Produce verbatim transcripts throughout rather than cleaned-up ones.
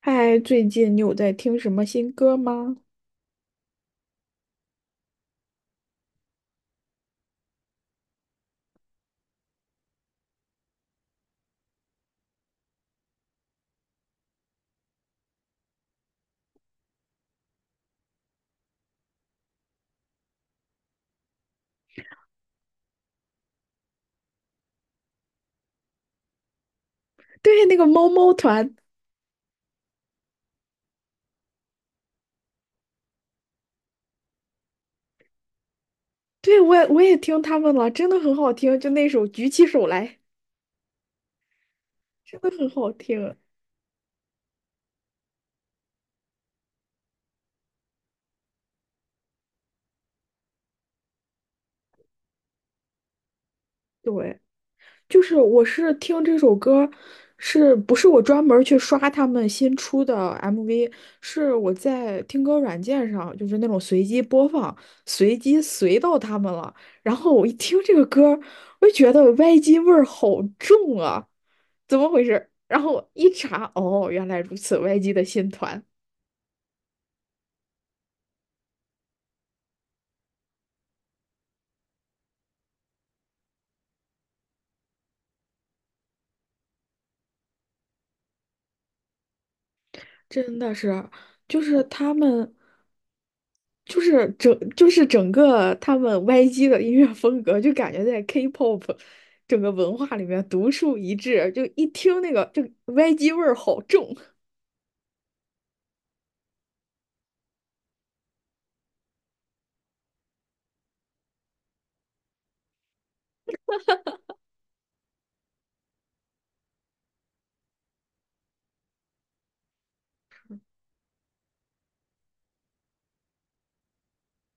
嗨，最近你有在听什么新歌吗？对，那个猫猫团，对，我也我也听他们了，真的很好听，就那首《举起手来》，真的很好听。对，就是我是听这首歌，是不是我专门儿去刷他们新出的 M V？是我在听歌软件上，就是那种随机播放，随机随到他们了。然后我一听这个歌儿我就觉得 Y G 味儿好重啊。怎么回事？然后我一查，哦，原来如此，Y G 的新团真的是，就是他们，就是整，就是整个他们 Y G 的音乐风格，就感觉在 K-pop 整个文化里面独树一帜，就一听那个，就 Y G 味儿好重。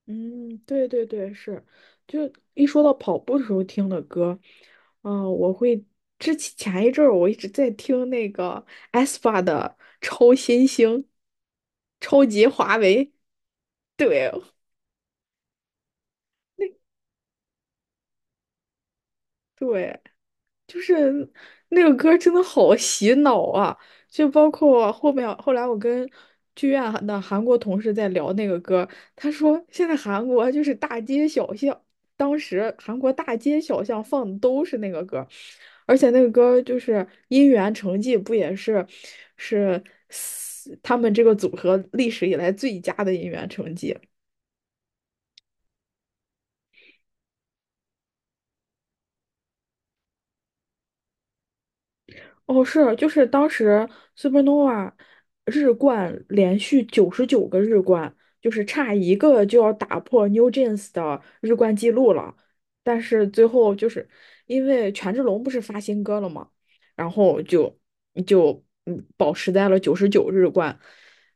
嗯，对对对，是，就一说到跑步的时候听的歌，嗯、我会之前前一阵儿我一直在听那个 aespa 的《超新星》，超级华为，对，那对，那个歌真的好洗脑啊！就包括后面后来我跟剧院的韩国同事在聊那个歌，他说现在韩国就是大街小巷，当时韩国大街小巷放的都是那个歌，而且那个歌就是《音源成绩》，不也是是他们这个组合历史以来最佳的音源成绩。哦，是，就是当时 Supernova 日冠连续九十九个日冠，就是差一个就要打破 New Jeans 的日冠记录了。但是最后就是因为权志龙不是发新歌了嘛，然后就就嗯保持在了九十九日冠。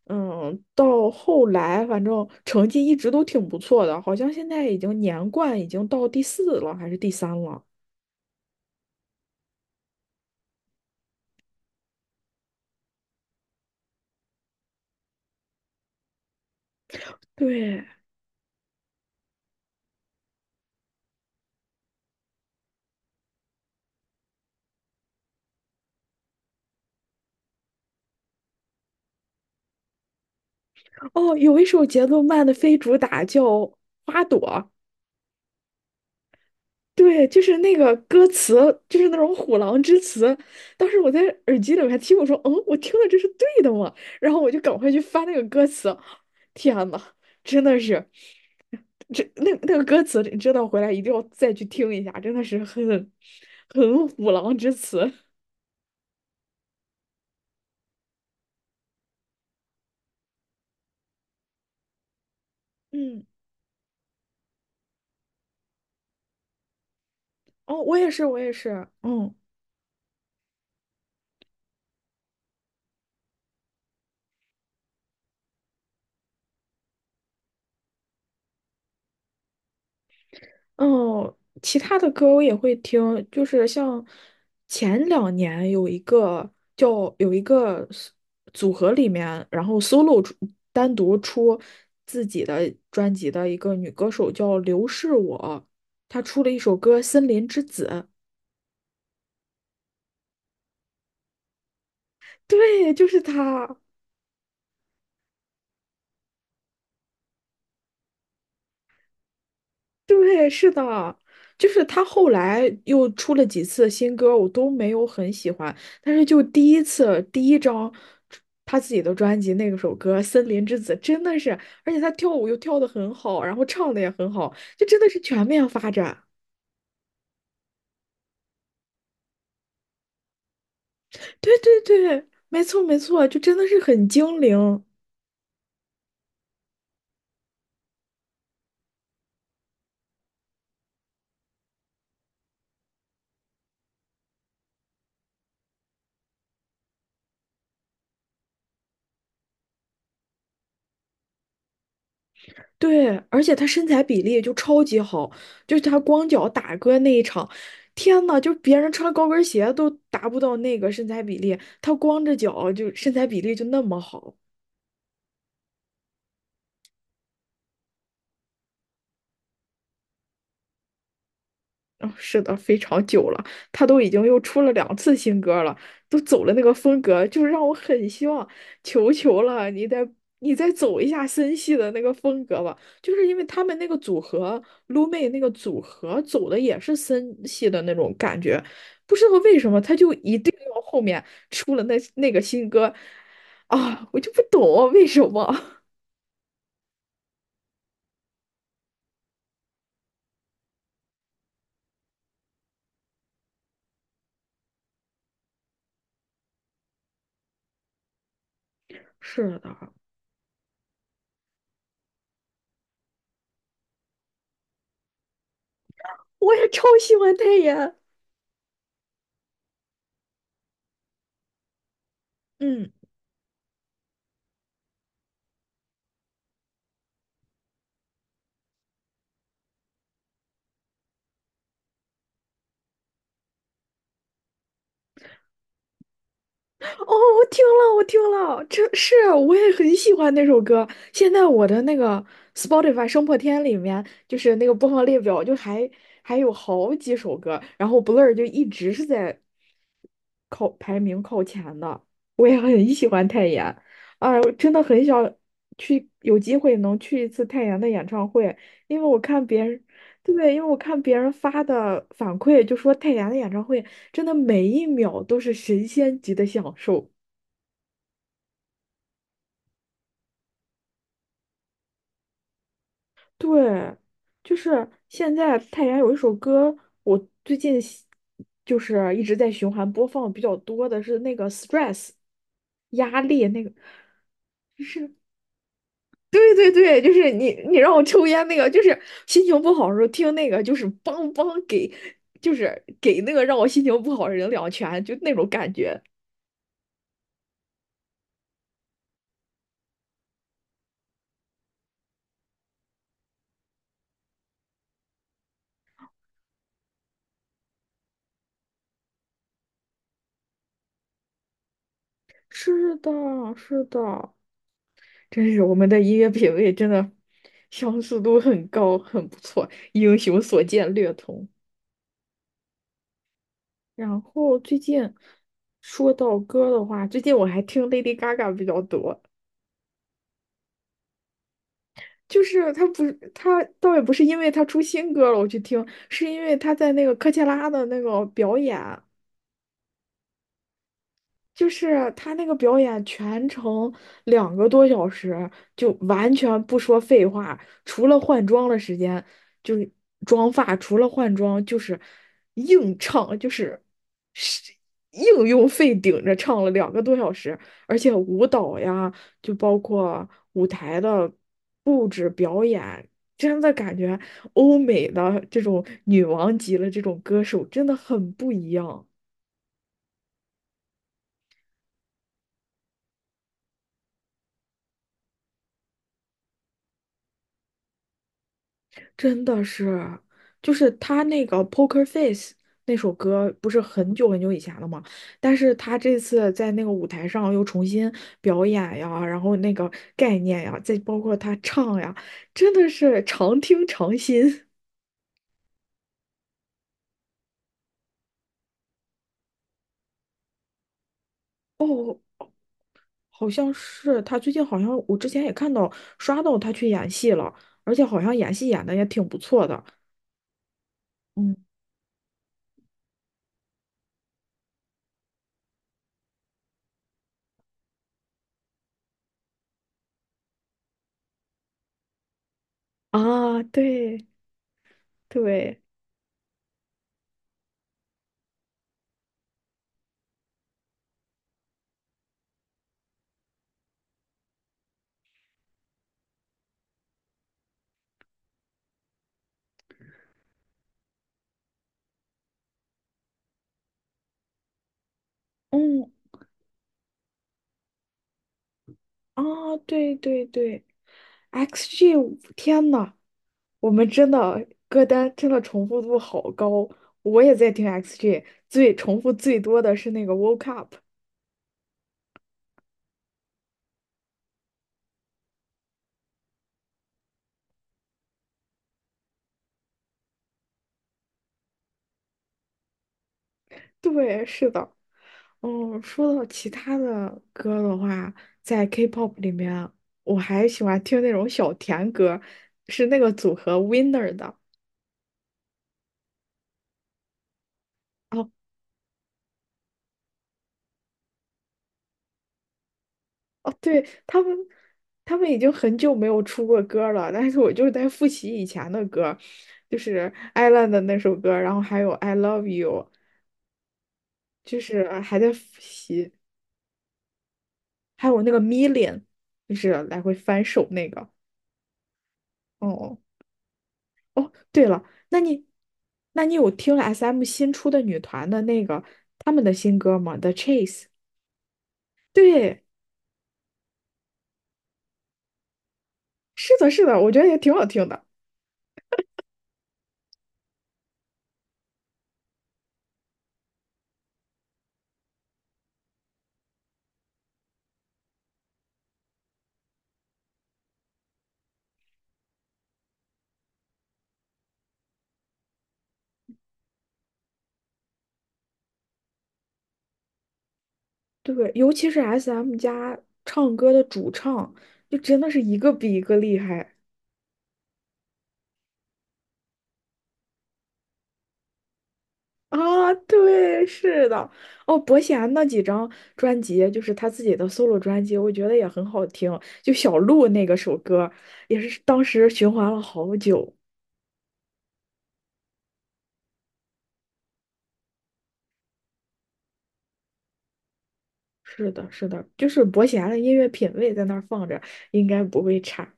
嗯，到后来反正成绩一直都挺不错的，好像现在已经年冠已经到第四了还是第三了。对。哦，有一首节奏慢的非主打叫《花朵》，对，就是那个歌词，就是那种虎狼之词。当时我在耳机里面还听，我说：“嗯，我听的这是对的吗？”然后我就赶快去翻那个歌词。天呐，真的是，这那那个歌词，你知道回来一定要再去听一下，真的是很很虎狼之词。嗯，哦，我也是，我也是，嗯。哦，其他的歌我也会听，就是像前两年有一个叫有一个 s- 组合里面，然后 solo 出单独出自己的专辑的一个女歌手叫刘是我，她出了一首歌《森林之子》，对，就是她。对，是的，就是他后来又出了几次新歌，我都没有很喜欢，但是就第一次第一张他自己的专辑那个首歌《森林之子》，真的是，而且他跳舞又跳得很好，然后唱的也很好，就真的是全面发展。对对对，没错没错，就真的是很精灵。对，而且他身材比例就超级好，就是他光脚打歌那一场，天呐，就是别人穿高跟鞋都达不到那个身材比例，他光着脚就身材比例就那么好。嗯，是的，非常久了，他都已经又出了两次新歌了，都走了那个风格，就是让我很希望，求求了，你再你再走一下森系的那个风格吧，就是因为他们那个组合撸妹那个组合走的也是森系的那种感觉，不知道为什么他就一定要后面出了那那个新歌，啊，我就不懂啊为什么。是的，我也超喜欢泰妍，嗯。哦，我听了，我听了，这是我也很喜欢那首歌。现在我的那个 Spotify 生破天里面，就是那个播放列表，就还还有好几首歌，然后 Blur 就一直是在靠排名靠前的。我也很喜欢泰妍，啊，我真的很想去，有机会能去一次泰妍的演唱会，因为我看别人，对，因为我看别人发的反馈，就说泰妍的演唱会真的每一秒都是神仙级的享受。对，就是现在太原有一首歌，我最近喜就是一直在循环播放比较多的是那个 stress 压力那个，就是对对对，就是你你让我抽烟那个，就是心情不好的时候听那个，就是梆梆给，就是给那个让我心情不好的人两拳，就那种感觉。是的，是的，真是我们的音乐品味真的相似度很高，很不错，英雄所见略同。然后最近说到歌的话，最近我还听 Lady Gaga 比较多。就是她不是她倒也不是因为她出新歌了我去听，是因为她在那个科切拉的那个表演。就是他那个表演全程两个多小时，就完全不说废话，除了换装的时间，就是妆发，除了换装就是硬唱，就是是硬用肺顶着唱了两个多小时，而且舞蹈呀，就包括舞台的布置表演，真的感觉欧美的这种女王级的这种歌手真的很不一样。真的是，就是他那个《Poker Face》那首歌，不是很久很久以前了吗？但是他这次在那个舞台上又重新表演呀，然后那个概念呀，再包括他唱呀，真的是常听常新。好像是他最近好像我之前也看到刷到他去演戏了，而且好像演戏演的也挺不错的。嗯，啊，对对，嗯，啊，对对对，X G，天呐，我们真的歌单真的重复度好高，我也在听 X G，最重复最多的是那个 Woke Up。对，是的。嗯，说到其他的歌的话，在 K-pop 里面，我还喜欢听那种小甜歌，是那个组合 Winner 的。哦哦，对，他们，他们已经很久没有出过歌了，但是我就是在复习以前的歌，就是《Island》的那首歌，然后还有《I Love You》，就是还在复习，还有那个《Million》，就是来回翻手那个。哦，对了，那你，那你有听 S M 新出的女团的那个他们的新歌吗？The Chase。对，是的，是的，我觉得也挺好听的。对，尤其是 S M 家唱歌的主唱，就真的是一个比一个厉害啊！对，是的，哦，伯贤那几张专辑，就是他自己的 solo 专辑，我觉得也很好听。就小鹿那个首歌，也是当时循环了好久。是的，是的，就是伯贤的音乐品味在那儿放着，应该不会差。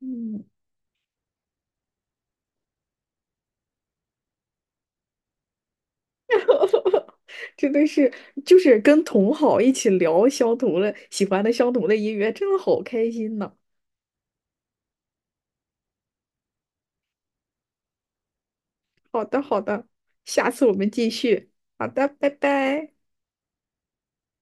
嗯，真的是，就是跟同好一起聊相同的、喜欢的相同的音乐，真的好开心呐！好的，好的，下次我们继续。好的，拜拜。